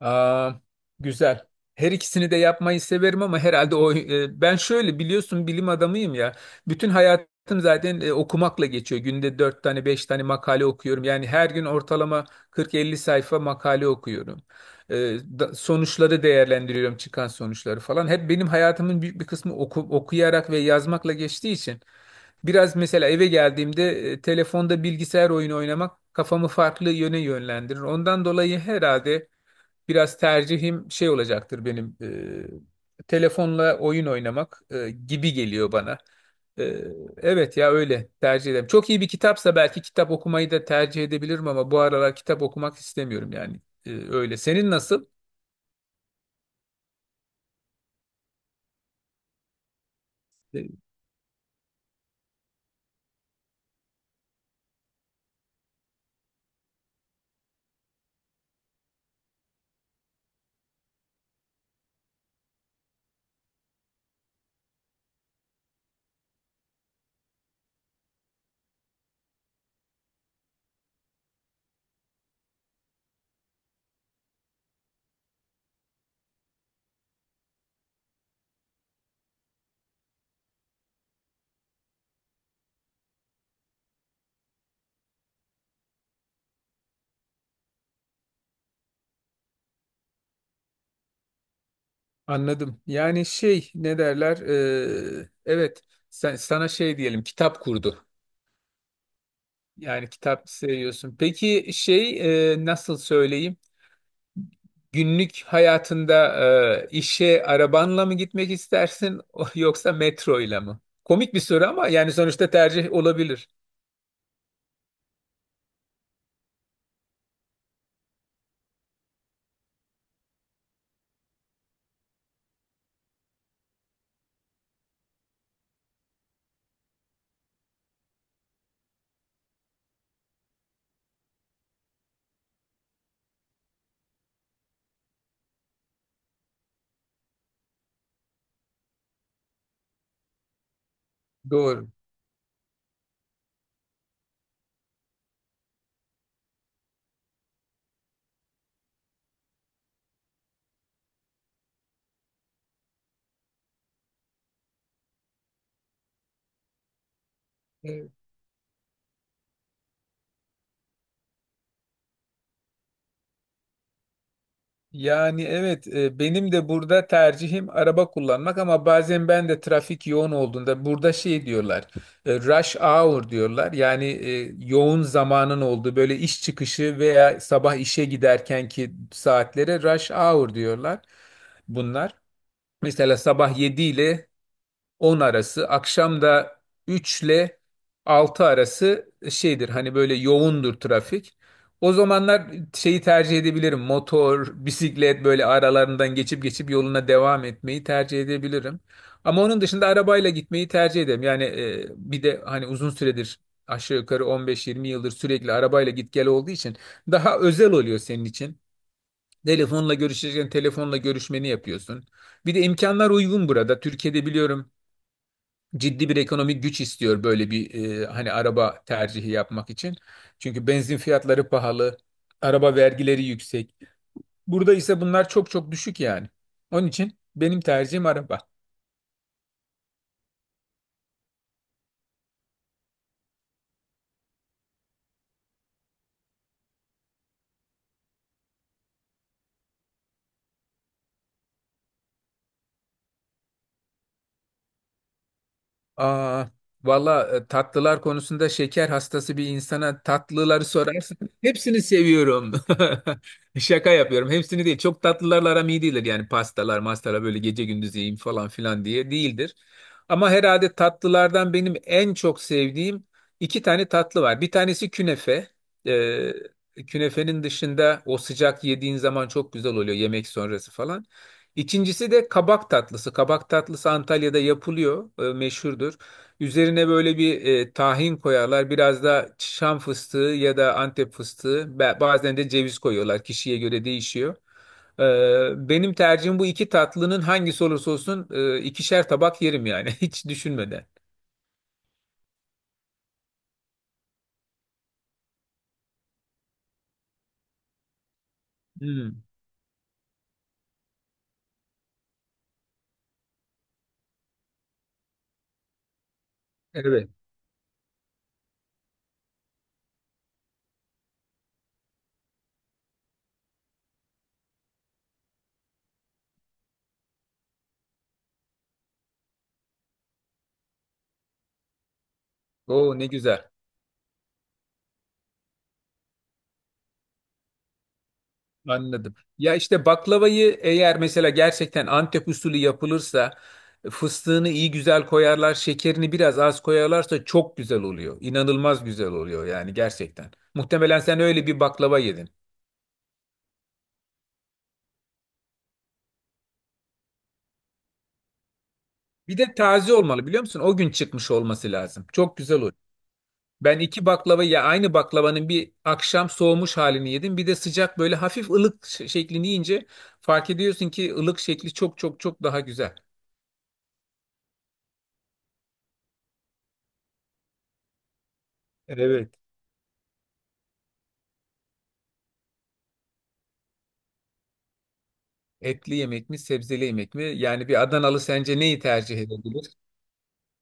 Aa, güzel. Her ikisini de yapmayı severim ama herhalde ben şöyle biliyorsun bilim adamıyım ya. Bütün hayatım zaten okumakla geçiyor. Günde 4 tane 5 tane makale okuyorum. Yani her gün ortalama 40-50 sayfa makale okuyorum. E, Sonuçları değerlendiriyorum, çıkan sonuçları falan. Hep benim hayatımın büyük bir kısmı okuyarak ve yazmakla geçtiği için biraz mesela eve geldiğimde telefonda bilgisayar oyunu oynamak kafamı farklı yöne yönlendirir. Ondan dolayı herhalde biraz tercihim şey olacaktır benim, telefonla oyun oynamak gibi geliyor bana. E, evet ya, öyle tercih ederim. Çok iyi bir kitapsa belki kitap okumayı da tercih edebilirim ama bu aralar kitap okumak istemiyorum yani. Öyle. Senin nasıl? E, Anladım. Yani şey, ne derler? Evet, sana şey diyelim, kitap kurdu. Yani kitap seviyorsun. Peki şey, nasıl söyleyeyim? Günlük hayatında işe arabanla mı gitmek istersin yoksa metro ile mi? Komik bir soru ama yani sonuçta tercih olabilir. Doğru. Evet. Yani evet, benim de burada tercihim araba kullanmak ama bazen ben de trafik yoğun olduğunda burada şey diyorlar, rush hour diyorlar. Yani yoğun zamanın olduğu böyle iş çıkışı veya sabah işe giderkenki saatlere rush hour diyorlar bunlar. Mesela sabah 7 ile on arası. Akşam da 3 ile 6 arası şeydir, hani böyle yoğundur trafik. O zamanlar şeyi tercih edebilirim. Motor, bisiklet, böyle aralarından geçip yoluna devam etmeyi tercih edebilirim. Ama onun dışında arabayla gitmeyi tercih ederim. Yani bir de hani uzun süredir aşağı yukarı on beş yirmi yıldır sürekli arabayla git gel olduğu için daha özel oluyor senin için. Telefonla görüşecekken telefonla görüşmeni yapıyorsun. Bir de imkanlar uygun burada. Türkiye'de biliyorum, ciddi bir ekonomik güç istiyor böyle bir, hani araba tercihi yapmak için. Çünkü benzin fiyatları pahalı, araba vergileri yüksek. Burada ise bunlar çok düşük yani. Onun için benim tercihim araba. Aa, valla, tatlılar konusunda, şeker hastası bir insana tatlıları sorarsan hepsini seviyorum. Şaka yapıyorum. Hepsini değil. Çok tatlılarla aram iyi değildir. Yani pastalar, mastalar böyle gece gündüz yiyeyim falan filan diye değildir. Ama herhalde tatlılardan benim en çok sevdiğim iki tane tatlı var. Bir tanesi künefe. Ee, Künefenin dışında, o sıcak yediğin zaman çok güzel oluyor, yemek sonrası falan. İkincisi de kabak tatlısı. Kabak tatlısı Antalya'da yapılıyor, meşhurdur. Üzerine böyle bir, tahin koyarlar. Biraz da Şam fıstığı ya da Antep fıstığı, bazen de ceviz koyuyorlar. Kişiye göre değişiyor. Benim tercihim, bu iki tatlının hangisi olursa olsun, ikişer tabak yerim yani hiç düşünmeden. Hmm, evet. Oo, ne güzel. Anladım. Ya işte baklavayı eğer mesela gerçekten Antep usulü yapılırsa fıstığını iyi güzel koyarlar, şekerini biraz az koyarlarsa çok güzel oluyor. İnanılmaz güzel oluyor yani, gerçekten. Muhtemelen sen öyle bir baklava yedin. Bir de taze olmalı, biliyor musun? O gün çıkmış olması lazım. Çok güzel olur. Ben iki baklava, ya aynı baklavanın bir akşam soğumuş halini yedim. Bir de sıcak, böyle hafif ılık şeklini yiyince fark ediyorsun ki ılık şekli çok daha güzel. Evet. Etli yemek mi, sebzeli yemek mi? Yani bir Adanalı sence neyi tercih edebilir?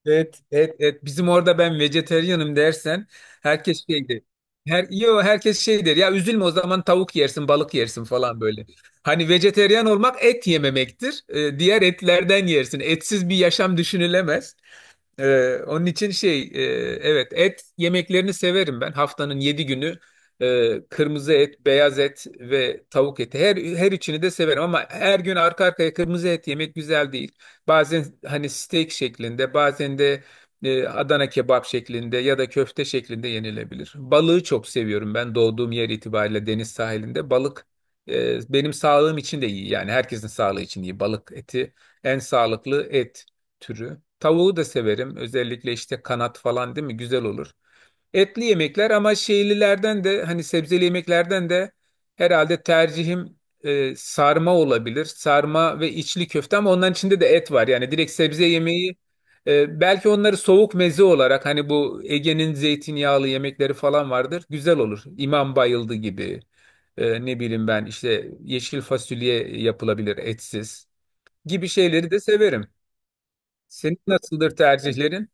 Evet. Evet, evet. Bizim orada ben vejeteryanım dersen herkes şey der. Herkes şey der. Ya, üzülme o zaman, tavuk yersin, balık yersin falan böyle. Hani vejeteryan olmak et yememektir. Diğer etlerden yersin. Etsiz bir yaşam düşünülemez. Onun için şey, evet, et yemeklerini severim ben. Haftanın yedi günü kırmızı et, beyaz et ve tavuk eti, her üçünü de severim ama her gün arka arkaya kırmızı et yemek güzel değil. Bazen hani steak şeklinde, bazen de Adana kebap şeklinde ya da köfte şeklinde yenilebilir. Balığı çok seviyorum ben, doğduğum yer itibariyle deniz sahilinde balık benim sağlığım için de iyi, yani herkesin sağlığı için iyi. Balık eti en sağlıklı et türü. Tavuğu da severim. Özellikle işte kanat falan, değil mi? Güzel olur. Etli yemekler ama şeylilerden de, hani sebzeli yemeklerden de herhalde tercihim sarma olabilir. Sarma ve içli köfte ama onların içinde de et var. Yani direkt sebze yemeği, belki onları soğuk meze olarak, hani bu Ege'nin zeytinyağlı yemekleri falan vardır. Güzel olur. İmam bayıldı gibi. Ne bileyim, ben işte yeşil fasulye yapılabilir etsiz gibi şeyleri de severim. Senin nasıldır tercihlerin?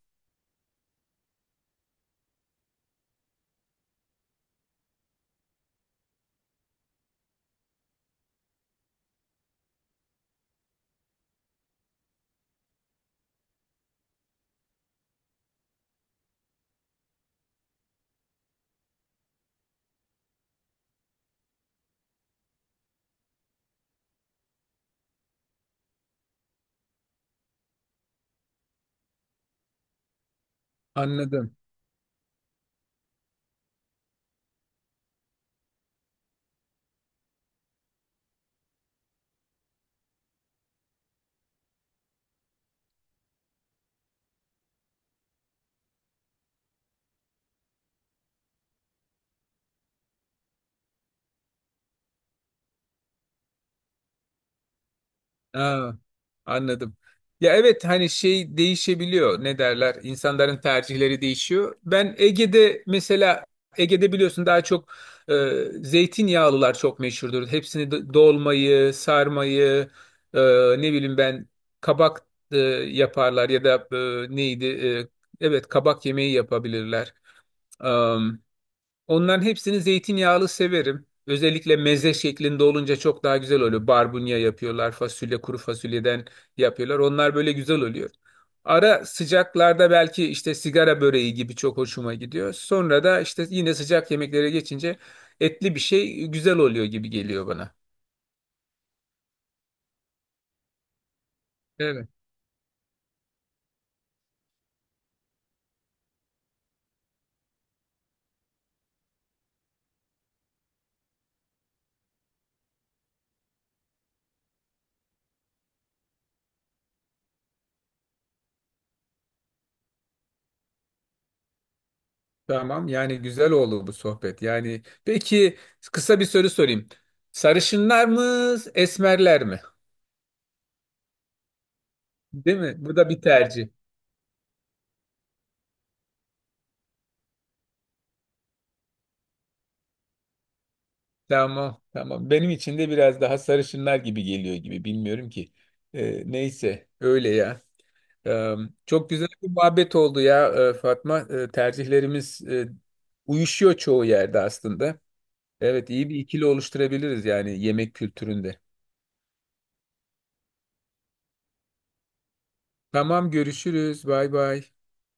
Anladım. Aa, anladım. Ya evet, hani şey değişebiliyor, ne derler, İnsanların tercihleri değişiyor. Ben Ege'de mesela, biliyorsun daha çok zeytinyağlılar çok meşhurdur. Hepsini, dolmayı, sarmayı, e, ne bileyim ben, kabak e, yaparlar ya da e, neydi e, evet, kabak yemeği yapabilirler. Onların hepsini zeytinyağlı severim. Özellikle meze şeklinde olunca çok daha güzel oluyor. Barbunya yapıyorlar, fasulye, kuru fasulyeden yapıyorlar. Onlar böyle güzel oluyor. Ara sıcaklarda belki işte sigara böreği gibi çok hoşuma gidiyor. Sonra da işte yine sıcak yemeklere geçince etli bir şey güzel oluyor gibi geliyor bana. Evet. Tamam, yani güzel oldu bu sohbet. Yani peki kısa bir soru sorayım. Sarışınlar mı, esmerler mi? Değil mi? Bu da bir tercih. Tamam, tamam. Benim için de biraz daha sarışınlar gibi geliyor gibi. Bilmiyorum ki. Neyse, öyle ya. Ee, Çok güzel bir muhabbet oldu ya, Fatma. Tercihlerimiz uyuşuyor çoğu yerde aslında. Evet, iyi bir ikili oluşturabiliriz yani yemek kültüründe. Tamam, görüşürüz. Bay bay.